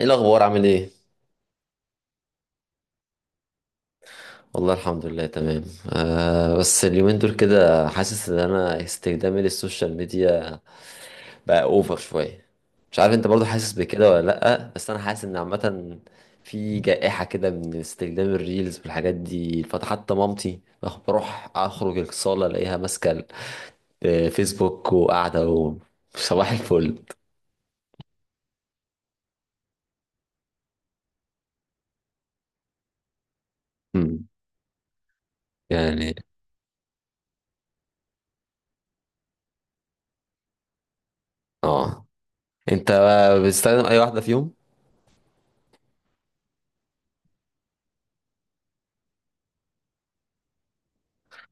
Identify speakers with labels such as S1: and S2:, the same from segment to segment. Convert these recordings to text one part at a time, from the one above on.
S1: ايه الاخبار عامل ايه؟ والله الحمد لله تمام. آه بس اليومين دول كده حاسس ان انا استخدامي للسوشيال ميديا بقى اوفر شويه. مش عارف انت برضو حاسس بكده ولا لا، بس انا حاسس ان عامه في جائحه كده من استخدام الريلز والحاجات دي، فحتى مامتي بروح اخرج الصاله الاقيها ماسكه الفيسبوك وقاعده صباح الفل. مم. يعني. اه. انت بتستخدم اي واحده فيهم؟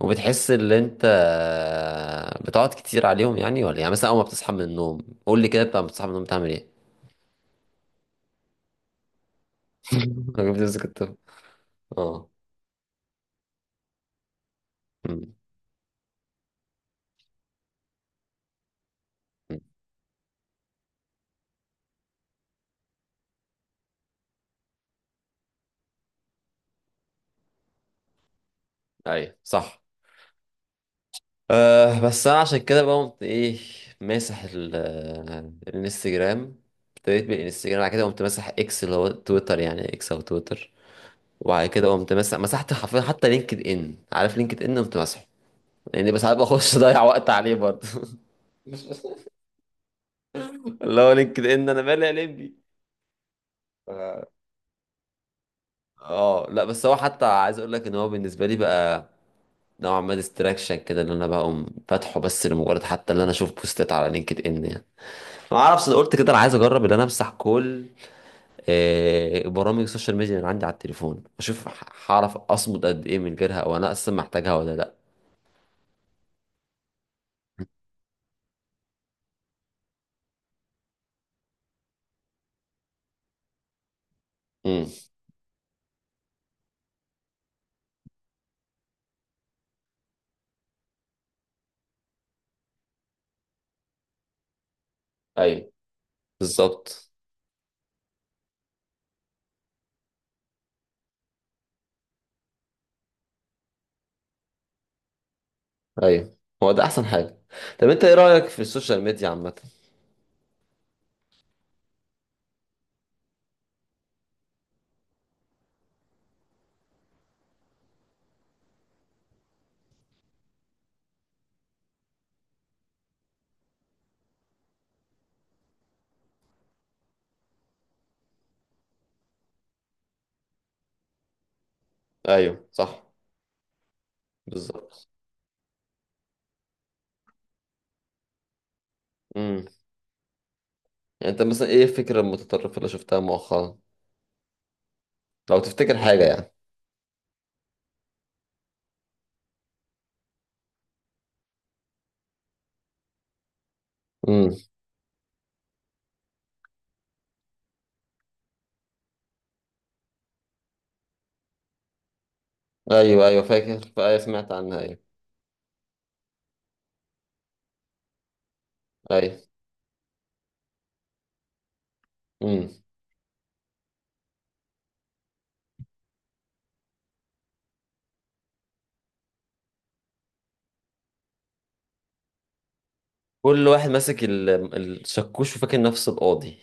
S1: وبتحس ان انت بتقعد كتير عليهم يعني ولا إيه؟ يعني مثلا اول ما بتصحى من النوم، قول لي كده بقى بتصحى من النوم تعمل ايه؟ أنا بتمسك التليفون. اه. أمم. أمم. ايوه صح. أه بس انا عشان كده بقى قمت ايه، ماسح الانستجرام. ابتديت بالانستجرام، بعد كده قمت ماسح اكس اللي هو تويتر، يعني اكس او تويتر. وبعد كده قمت مسحت حرفيا حتى لينكد ان، عارف لينكد ان؟ قمت مسحه. لان بس ساعات بخش اضيع وقت عليه برضه. اللي هو لينكد ان انا مالي يا لمبي. اه لا، بس هو حتى عايز اقول لك ان هو بالنسبه لي بقى نوعا ما ديستراكشن كده، ان انا بقوم فاتحه بس لمجرد حتى ان انا اشوف بوستات على لينكد ان يعني. ما اعرفش، انا قلت كده انا عايز اجرب ان انا امسح كل برامج السوشيال ميديا اللي عندي على التليفون، اشوف هعرف اصمد قد ايه من غيرها، او انا اصلا محتاجها ولا لا. امم. ايوه. بالظبط. ايوه هو ده احسن حاجه. طب انت ايه رايك في السوشيال ميديا عامه؟ ايوه صح. بالظبط. امم. يعني انت مثلا ايه الفكره المتطرفه اللي شفتها مؤخرا، لو تفتكر حاجة يعني؟ امم. ايوه ايوه فاكر، ايوه سمعت عنها، ايوه. ايوه. امم. كل واحد ماسك الشكوش وفاكر نفسه القاضي.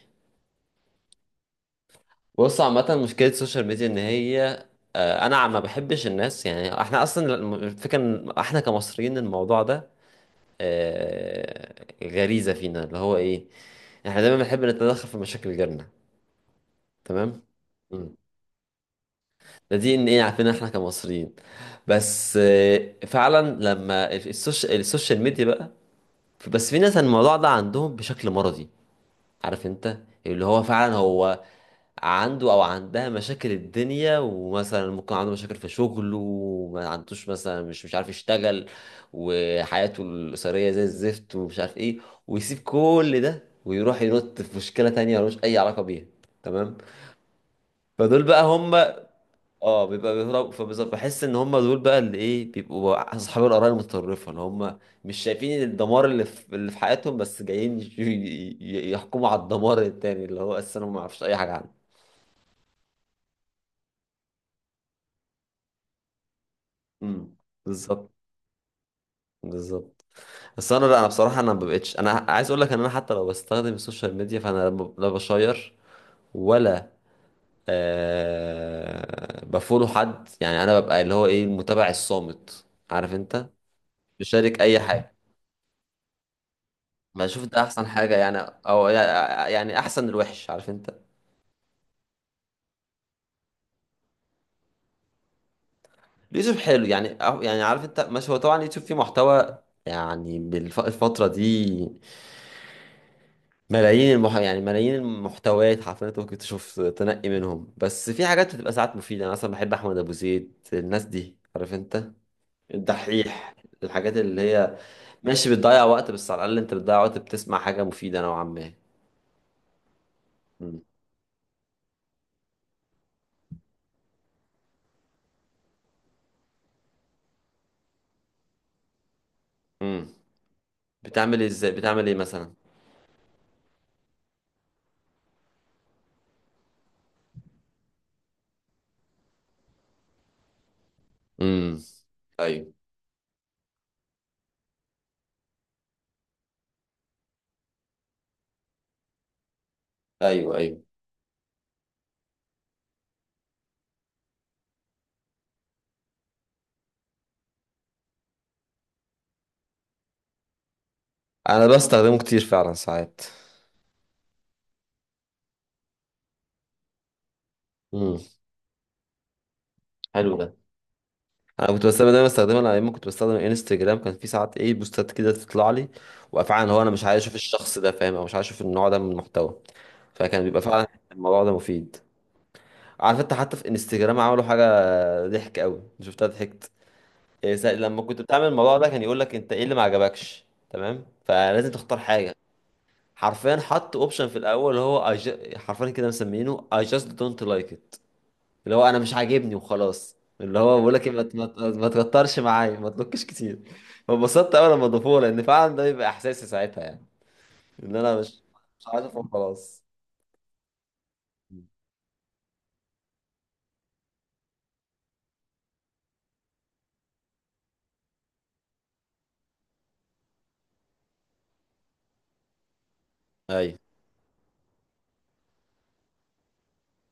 S1: بص، عامة مشكلة السوشيال ميديا ان هي، انا ما بحبش الناس، يعني احنا اصلا الفكرة ان احنا كمصريين الموضوع ده غريزة فينا اللي هو ايه، احنا دايما بنحب نتدخل في مشاكل غيرنا. تمام. مم. ده DNA، عارفين احنا كمصريين. بس فعلا لما السوشيال ميديا بقى، بس في ناس الموضوع ده عندهم بشكل مرضي. عارف انت، اللي هو فعلا هو عنده او عندها مشاكل الدنيا، ومثلا ممكن عنده مشاكل في شغله وما عندوش، مثلا مش عارف يشتغل وحياته الأسرية زي الزفت ومش عارف ايه، ويسيب كل ده ويروح ينط في مشكلة تانية ملوش أي علاقة بيها. تمام. فدول بقى هم. اه بيبقى بيهرب، فبالظبط بحس ان هم دول بقى اللي ايه بيبقوا اصحاب القرايه المتطرفه اللي هم مش شايفين الدمار اللي في حياتهم، بس جايين يحكموا على الدمار التاني اللي هو اساسا هم ما يعرفوش اي حاجه عنه. امم. بالظبط. بالظبط. بس انا لا انا بصراحه انا ما بقتش، انا عايز اقول لك ان انا حتى لو بستخدم السوشيال ميديا فانا لا بشير ولا بفولو حد، يعني انا ببقى اللي هو ايه المتابع الصامت. عارف انت، بشارك اي حاجه، بشوف، ده احسن حاجه يعني، او يعني احسن الوحش، عارف انت. اليوتيوب حلو يعني. يعني عارف انت، مش هو طبعا اليوتيوب فيه محتوى يعني بالفتره دي يعني ملايين المحتويات حرفيا، انت ممكن تشوف تنقي منهم، بس في حاجات بتبقى ساعات مفيده. انا مثلا بحب احمد ابو زيد، الناس دي، عارف انت، الدحيح، الحاجات اللي هي، ماشي بتضيع وقت بس على الاقل انت بتضيع وقت بتسمع حاجه مفيده نوعا ما. امم. بتعمل ازاي، بتعمل ايه مثلا؟ امم. ايوه. ايوه ايوه. انا بستخدمه كتير فعلا ساعات. امم. حلو ده. انا كنت بستخدم، دايما بستخدمه انا ايام ما كنت بستخدم انستجرام، كان في ساعات ايه بوستات كده تطلع لي وفعلا هو انا مش عايز اشوف الشخص ده، فاهم؟ او مش عايز اشوف النوع ده من المحتوى، فكان بيبقى فعلا الموضوع ده مفيد. عارف انت حتى في انستجرام عملوا حاجه، ضحك قوي، شفتها، ضحكت. إيه لما كنت بتعمل الموضوع ده كان يقول لك انت ايه اللي ما عجبكش؟ تمام، فلازم تختار حاجه. حرفيا حط اوبشن في الاول اللي هو حرفيا كده مسمينه I just don't like it. اللي هو انا مش عاجبني وخلاص، اللي هو بقول لك إيه، ما تكترش معايا، ما تنكش كتير. فانبسطت اول لما ضافوها، لان فعلا ده يبقى احساسي ساعتها يعني ان انا مش عارف وخلاص. ايوه.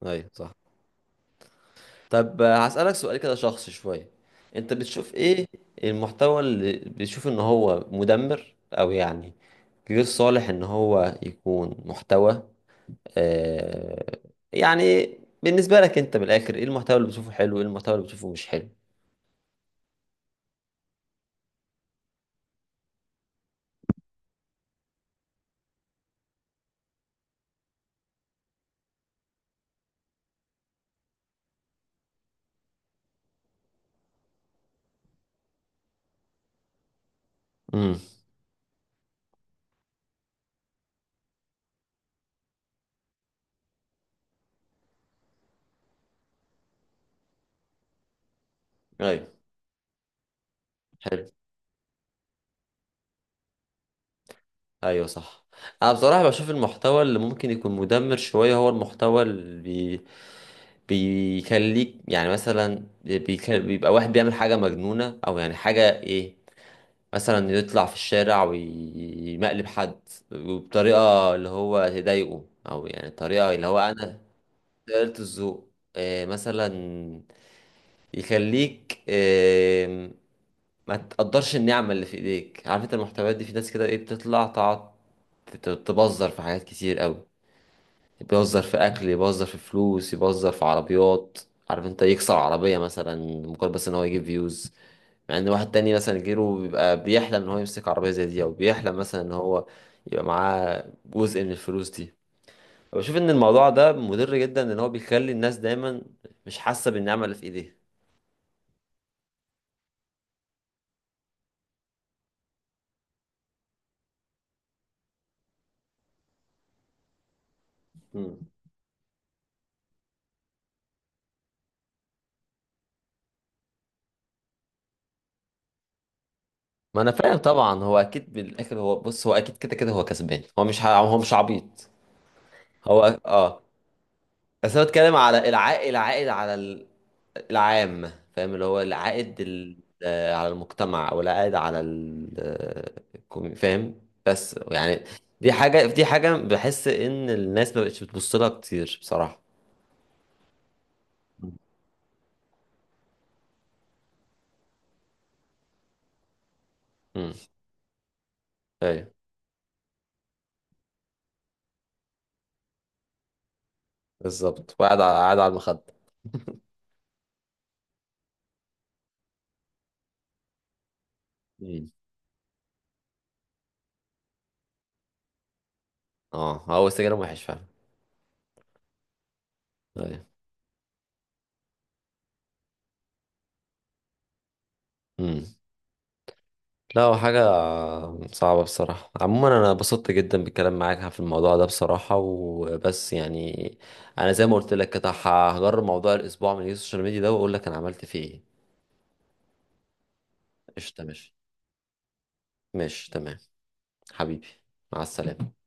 S1: ايوه صح. طب هسألك سؤال كده شخصي شوية. انت بتشوف ايه المحتوى اللي بتشوف ان هو مدمر، او يعني غير صالح ان هو يكون محتوى؟ آه يعني بالنسبة لك انت من الاخر ايه المحتوى اللي بتشوفه حلو، ايه المحتوى اللي بتشوفه مش حلو؟ امم. ايوه. حلو. ايوه صح. انا بصراحه بشوف المحتوى اللي ممكن يكون مدمر شويه هو المحتوى اللي بي... بيخليك يعني، مثلا بيبقى واحد بيعمل حاجه مجنونه او يعني حاجه ايه، مثلا يطلع في الشارع ويمقلب حد وبطريقه اللي هو تضايقه، او يعني طريقه اللي هو انا قلت الذوق، مثلا يخليك ما تقدرش النعمة اللي في ايديك. عارف انت المحتويات دي في ناس كده ايه بتطلع تقعد تبذر في حاجات كتير قوي، يبذر في اكل، يبذر في فلوس، يبذر في عربيات، عارف انت، يكسر عربية مثلا مجرد بس ان هو يجيب فيوز، مع ان واحد تاني مثلا غيره بيبقى بيحلم ان هو يمسك عربية زي دي، او بيحلم مثلا ان هو يبقى معاه جزء من الفلوس دي. بشوف ان الموضوع ده مضر جدا، ان هو بيخلي الناس دايما مش حاسة بالنعمة اللي في ايديها. مم. ما انا فاهم طبعا، هو اكيد بالاخر هو، بص هو اكيد كده كده هو كسبان، هو مش عبيط. هو اه. بس انا بتكلم على العائد على العام، فاهم؟ اللي هو العائد على المجتمع، او العائد على فاهم بس يعني. دي حاجة، دي حاجة بحس ان الناس ما بقتش بتبص لها كتير بصراحة. امم. ايوه. بالظبط وقاعد قاعد على المخدة. مم. اه هو السجاير وحش فعلا. ايوه. مم. لا هو حاجة صعبة بصراحة. عموما أنا اتبسطت جدا بالكلام معاك في الموضوع ده بصراحة وبس يعني. أنا زي ما قلت لك كده هجرب موضوع الأسبوع من السوشيال ميديا ده وأقول لك أنا عملت فيه إيه. قشطة ماشي. ماشي تمام. حبيبي. مع السلامة.